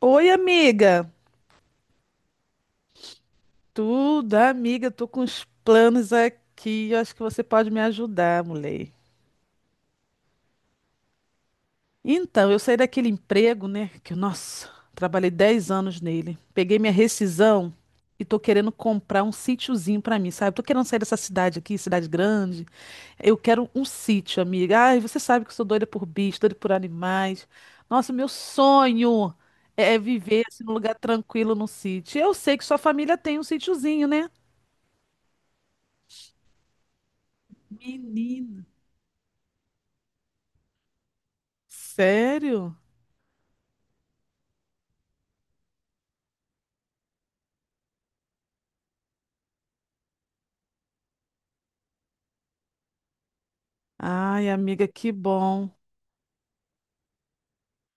Oi, amiga. Tudo, amiga, Tô com uns planos aqui. Eu acho que você pode me ajudar, mulher. Então, eu saí daquele emprego, né? Que, nossa, trabalhei 10 anos nele. Peguei minha rescisão e tô querendo comprar um sítiozinho pra mim, sabe? Eu tô querendo sair dessa cidade aqui, cidade grande. Eu quero um sítio, amiga. Ai, você sabe que eu sou doida por bicho, doida por animais. Nossa, meu sonho é viver assim, num lugar tranquilo, num sítio. Eu sei que sua família tem um sítiozinho, né? Menina. Sério? Ai, amiga, que bom.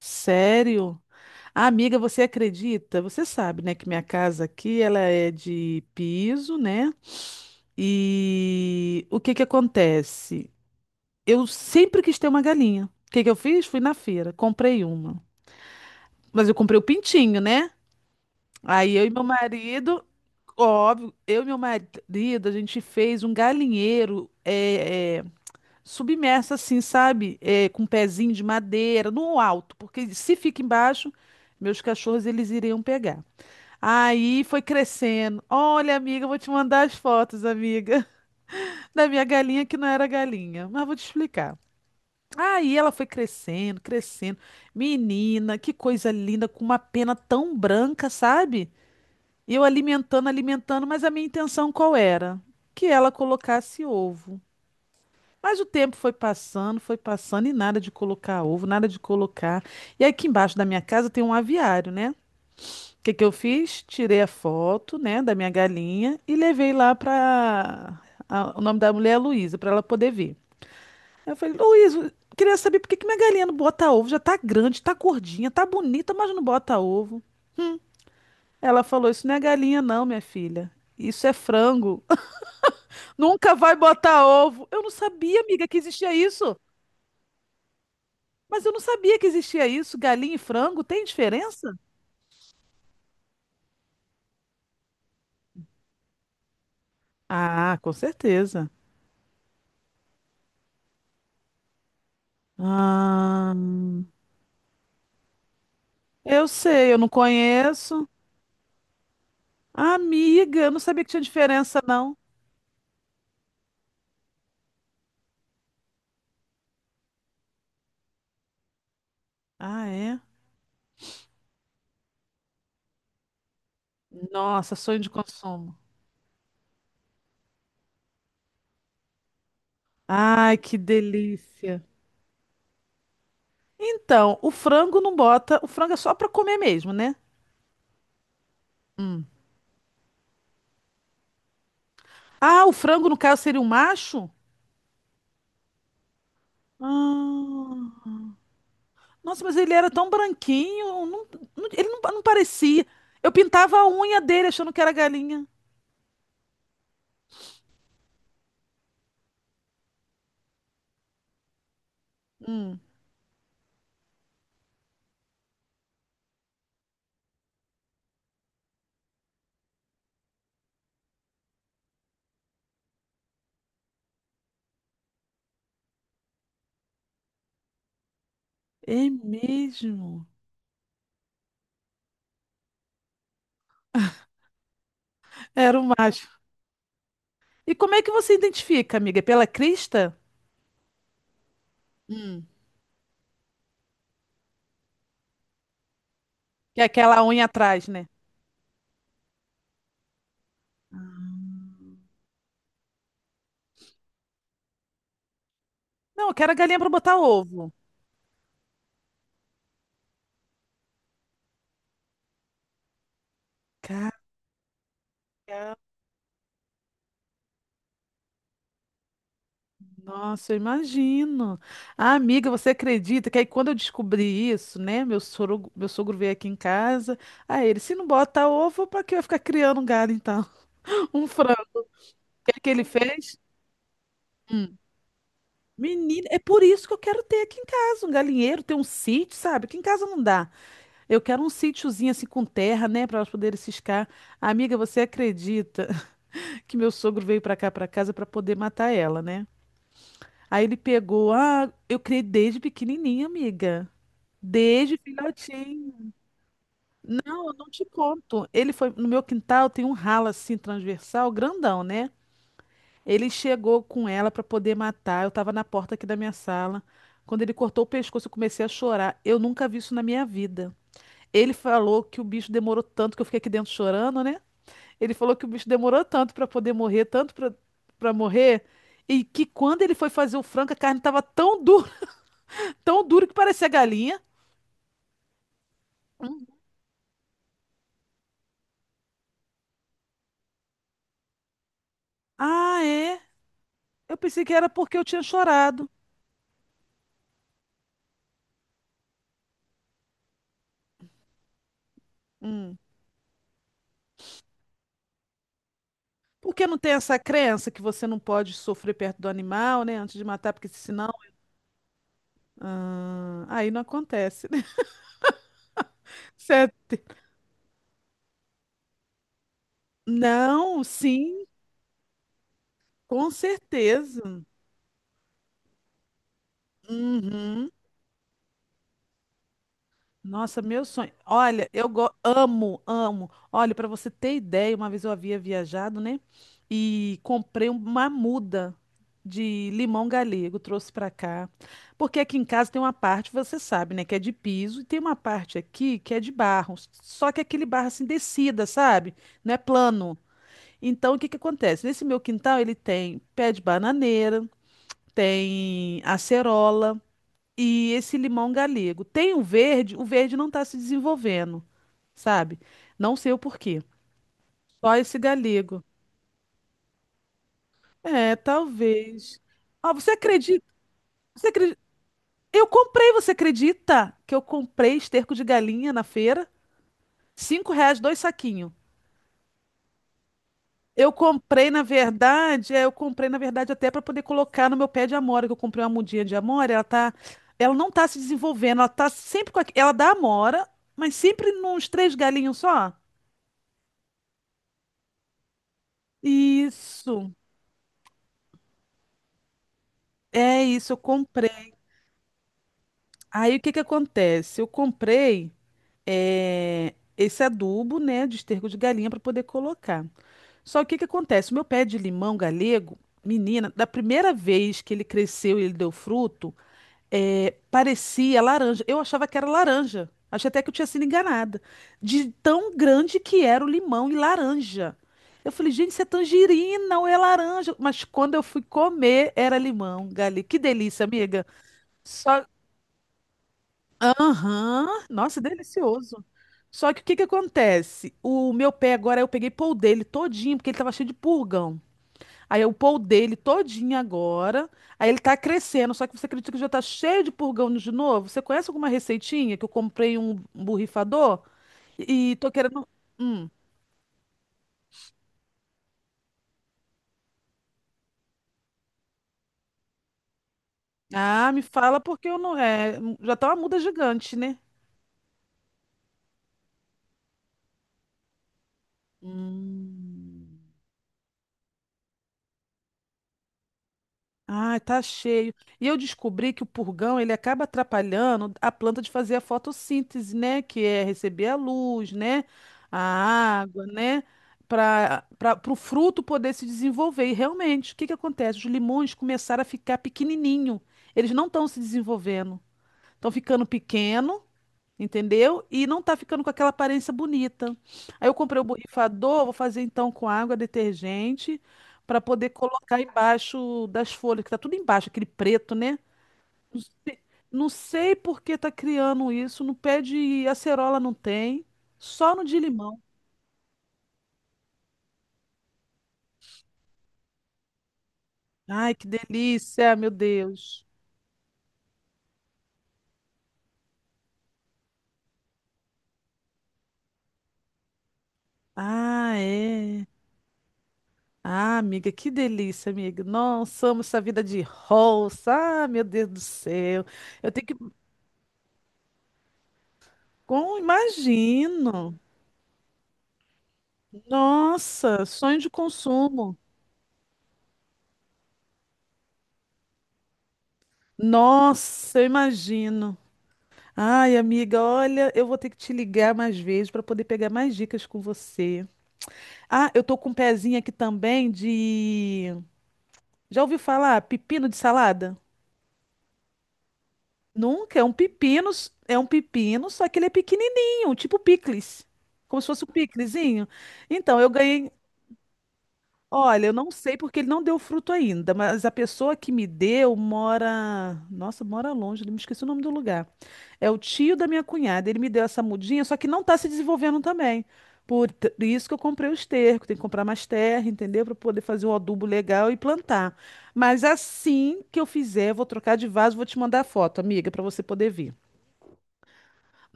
Sério? Ah, amiga, você acredita? Você sabe, né, que minha casa aqui, ela é de piso, né? E o que que acontece? Eu sempre quis ter uma galinha. O que que eu fiz? Fui na feira, comprei uma. Mas eu comprei o pintinho, né? Aí eu e meu marido, óbvio, eu e meu marido, a gente fez um galinheiro, é, submersa assim, sabe? É, com um pezinho de madeira, no alto, porque se fica embaixo, meus cachorros eles iriam pegar. Aí foi crescendo. Olha, amiga, eu vou te mandar as fotos, amiga, da minha galinha que não era galinha, mas vou te explicar. Aí ela foi crescendo, crescendo. Menina, que coisa linda, com uma pena tão branca, sabe? E eu alimentando, alimentando, mas a minha intenção qual era? Que ela colocasse ovo. Mas o tempo foi passando e nada de colocar ovo, nada de colocar. E aqui embaixo da minha casa tem um aviário, né? O que que eu fiz? Tirei a foto, né, da minha galinha e levei lá para o nome da mulher é Luísa, para ela poder ver. Eu falei, Luísa, eu queria saber por que que minha galinha não bota ovo? Já tá grande, tá gordinha, tá bonita, mas não bota ovo. Ela falou, isso não é galinha não, minha filha. Isso é frango. Nunca vai botar ovo. Eu não sabia, amiga, que existia isso. Mas eu não sabia que existia isso. Galinha e frango tem diferença? Ah, com certeza. Ah, eu sei, eu não conheço. Amiga, eu não sabia que tinha diferença, não. Ah, é? Nossa, sonho de consumo. Ai, que delícia. Então, o frango não bota. O frango é só pra comer mesmo, né? Ah, o frango, no caso, seria um macho? Ah, nossa, mas ele era tão branquinho. Ele não parecia. Eu pintava a unha dele achando que era galinha. Hum. É mesmo? Era um macho. E como é que você identifica, amiga? É pela crista? Hum. Que é aquela unha atrás, né? Não, eu quero a galinha para botar ovo. Cara, nossa, eu imagino. Ah, amiga, você acredita que aí quando eu descobri isso, né? Meu sogro veio aqui em casa. Aí ele, se não bota ovo, para que eu ficar criando um galo então? Um frango. O que é que ele fez? Menina, é por isso que eu quero ter aqui em casa um galinheiro, ter um sítio, sabe? Aqui em casa não dá. Eu quero um sítiozinho assim com terra, né, para elas poderem ciscar. Amiga, você acredita que meu sogro veio para cá, para casa, para poder matar ela, né? Aí ele pegou, ah, eu criei desde pequenininha, amiga. Desde filhotinho. Não, eu não te conto. Ele foi no meu quintal, tem um ralo assim transversal, grandão, né? Ele chegou com ela para poder matar. Eu tava na porta aqui da minha sala. Quando ele cortou o pescoço, eu comecei a chorar. Eu nunca vi isso na minha vida. Ele falou que o bicho demorou tanto que eu fiquei aqui dentro chorando, né? Ele falou que o bicho demorou tanto pra poder morrer, tanto pra para morrer, e que quando ele foi fazer o frango, a carne tava tão dura, tão dura que parecia galinha. Hum. Ah, é? Eu pensei que era porque eu tinha chorado. Hum. Porque não tem essa crença que você não pode sofrer perto do animal, né? Antes de matar, porque senão. Ah, aí não acontece, né? Certo. Não, sim, com certeza. Uhum. Nossa, meu sonho. Olha, eu amo, amo. Olha, para você ter ideia, uma vez eu havia viajado, né? E comprei uma muda de limão galego, trouxe para cá. Porque aqui em casa tem uma parte, você sabe, né, que é de piso, e tem uma parte aqui que é de barro. Só que é aquele barro assim descida, sabe? Não é plano. Então, o que que acontece? Nesse meu quintal ele tem pé de bananeira, tem acerola, e esse limão galego. Tem o verde não está se desenvolvendo, sabe? Não sei o porquê. Só esse galego. É, talvez. Ah, você acredita? Você acredita? Eu comprei, você acredita? Que eu comprei esterco de galinha na feira? R$ 5, dois saquinhos. Eu comprei, na verdade, é, eu comprei, na verdade, até para poder colocar no meu pé de amora, que eu comprei uma mudinha de amora, ela tá, ela não tá se desenvolvendo, ela tá sempre com, ela dá amora, mas sempre nos três galinhos só. Isso, é isso, eu comprei. Aí o que que acontece? Eu comprei esse adubo, né, de esterco de galinha para poder colocar. Só que o que que acontece? O meu pé de limão galego, menina, da primeira vez que ele cresceu e ele deu fruto, é, parecia laranja. Eu achava que era laranja. Achei até que eu tinha sido enganada. De tão grande que era o limão e laranja. Eu falei, gente, isso é tangerina ou é laranja? Mas quando eu fui comer, era limão, Gali. Que delícia, amiga. Só. Aham. Nossa, delicioso. Só que o que que acontece? O meu pé agora, eu peguei pão dele todinho, porque ele tava cheio de purgão. Aí eu pôr o dele todinho agora. Aí ele tá crescendo, só que você acredita que já tá cheio de purgão de novo? Você conhece alguma receitinha que eu comprei um borrifador e tô querendo. Hum. Ah, me fala porque eu não. É, já tá uma muda gigante, né? Hum. Ah, tá cheio. E eu descobri que o purgão, ele acaba atrapalhando a planta de fazer a fotossíntese, né? Que é receber a luz, né? A água, né? Para o fruto poder se desenvolver. E realmente, o que que acontece? Os limões começaram a ficar pequenininho. Eles não estão se desenvolvendo. Estão ficando pequeno, entendeu? E não tá ficando com aquela aparência bonita. Aí eu comprei o borrifador, vou fazer então com água, detergente, para poder colocar embaixo das folhas, que tá tudo embaixo, aquele preto, né? Não sei, não sei por que tá criando isso, no pé de acerola não tem, só no de limão. Ai, que delícia, meu Deus. Ah, é. Ah, amiga, que delícia, amiga. Nossa, amo essa vida de roça. Ah, meu Deus do céu. Eu tenho que. Com, imagino. Nossa, sonho de consumo. Nossa, eu imagino. Ai, amiga, olha, eu vou ter que te ligar mais vezes para poder pegar mais dicas com você. Ah, eu tô com um pezinho aqui também de. Já ouviu falar pepino de salada? Nunca, é um pepino, é um pepino, só que ele é pequenininho, tipo picles. Como se fosse um piclezinho. Então, eu ganhei. Olha, eu não sei porque ele não deu fruto ainda, mas a pessoa que me deu mora. Nossa, mora longe, me esqueci o nome do lugar. É o tio da minha cunhada. Ele me deu essa mudinha, só que não está se desenvolvendo também. Isso que eu comprei o esterco. Tem que comprar mais terra, entendeu? Para poder fazer um adubo legal e plantar. Mas assim que eu fizer, eu vou trocar de vaso, vou te mandar a foto, amiga, para você poder ver.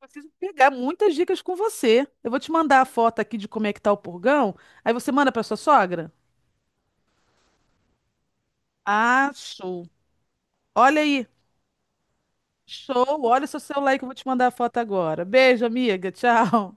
Preciso pegar muitas dicas com você. Eu vou te mandar a foto aqui de como é que tá o purgão. Aí você manda para sua sogra? Acho. Olha aí. Show. Olha o seu celular aí que eu vou te mandar a foto agora. Beijo, amiga. Tchau.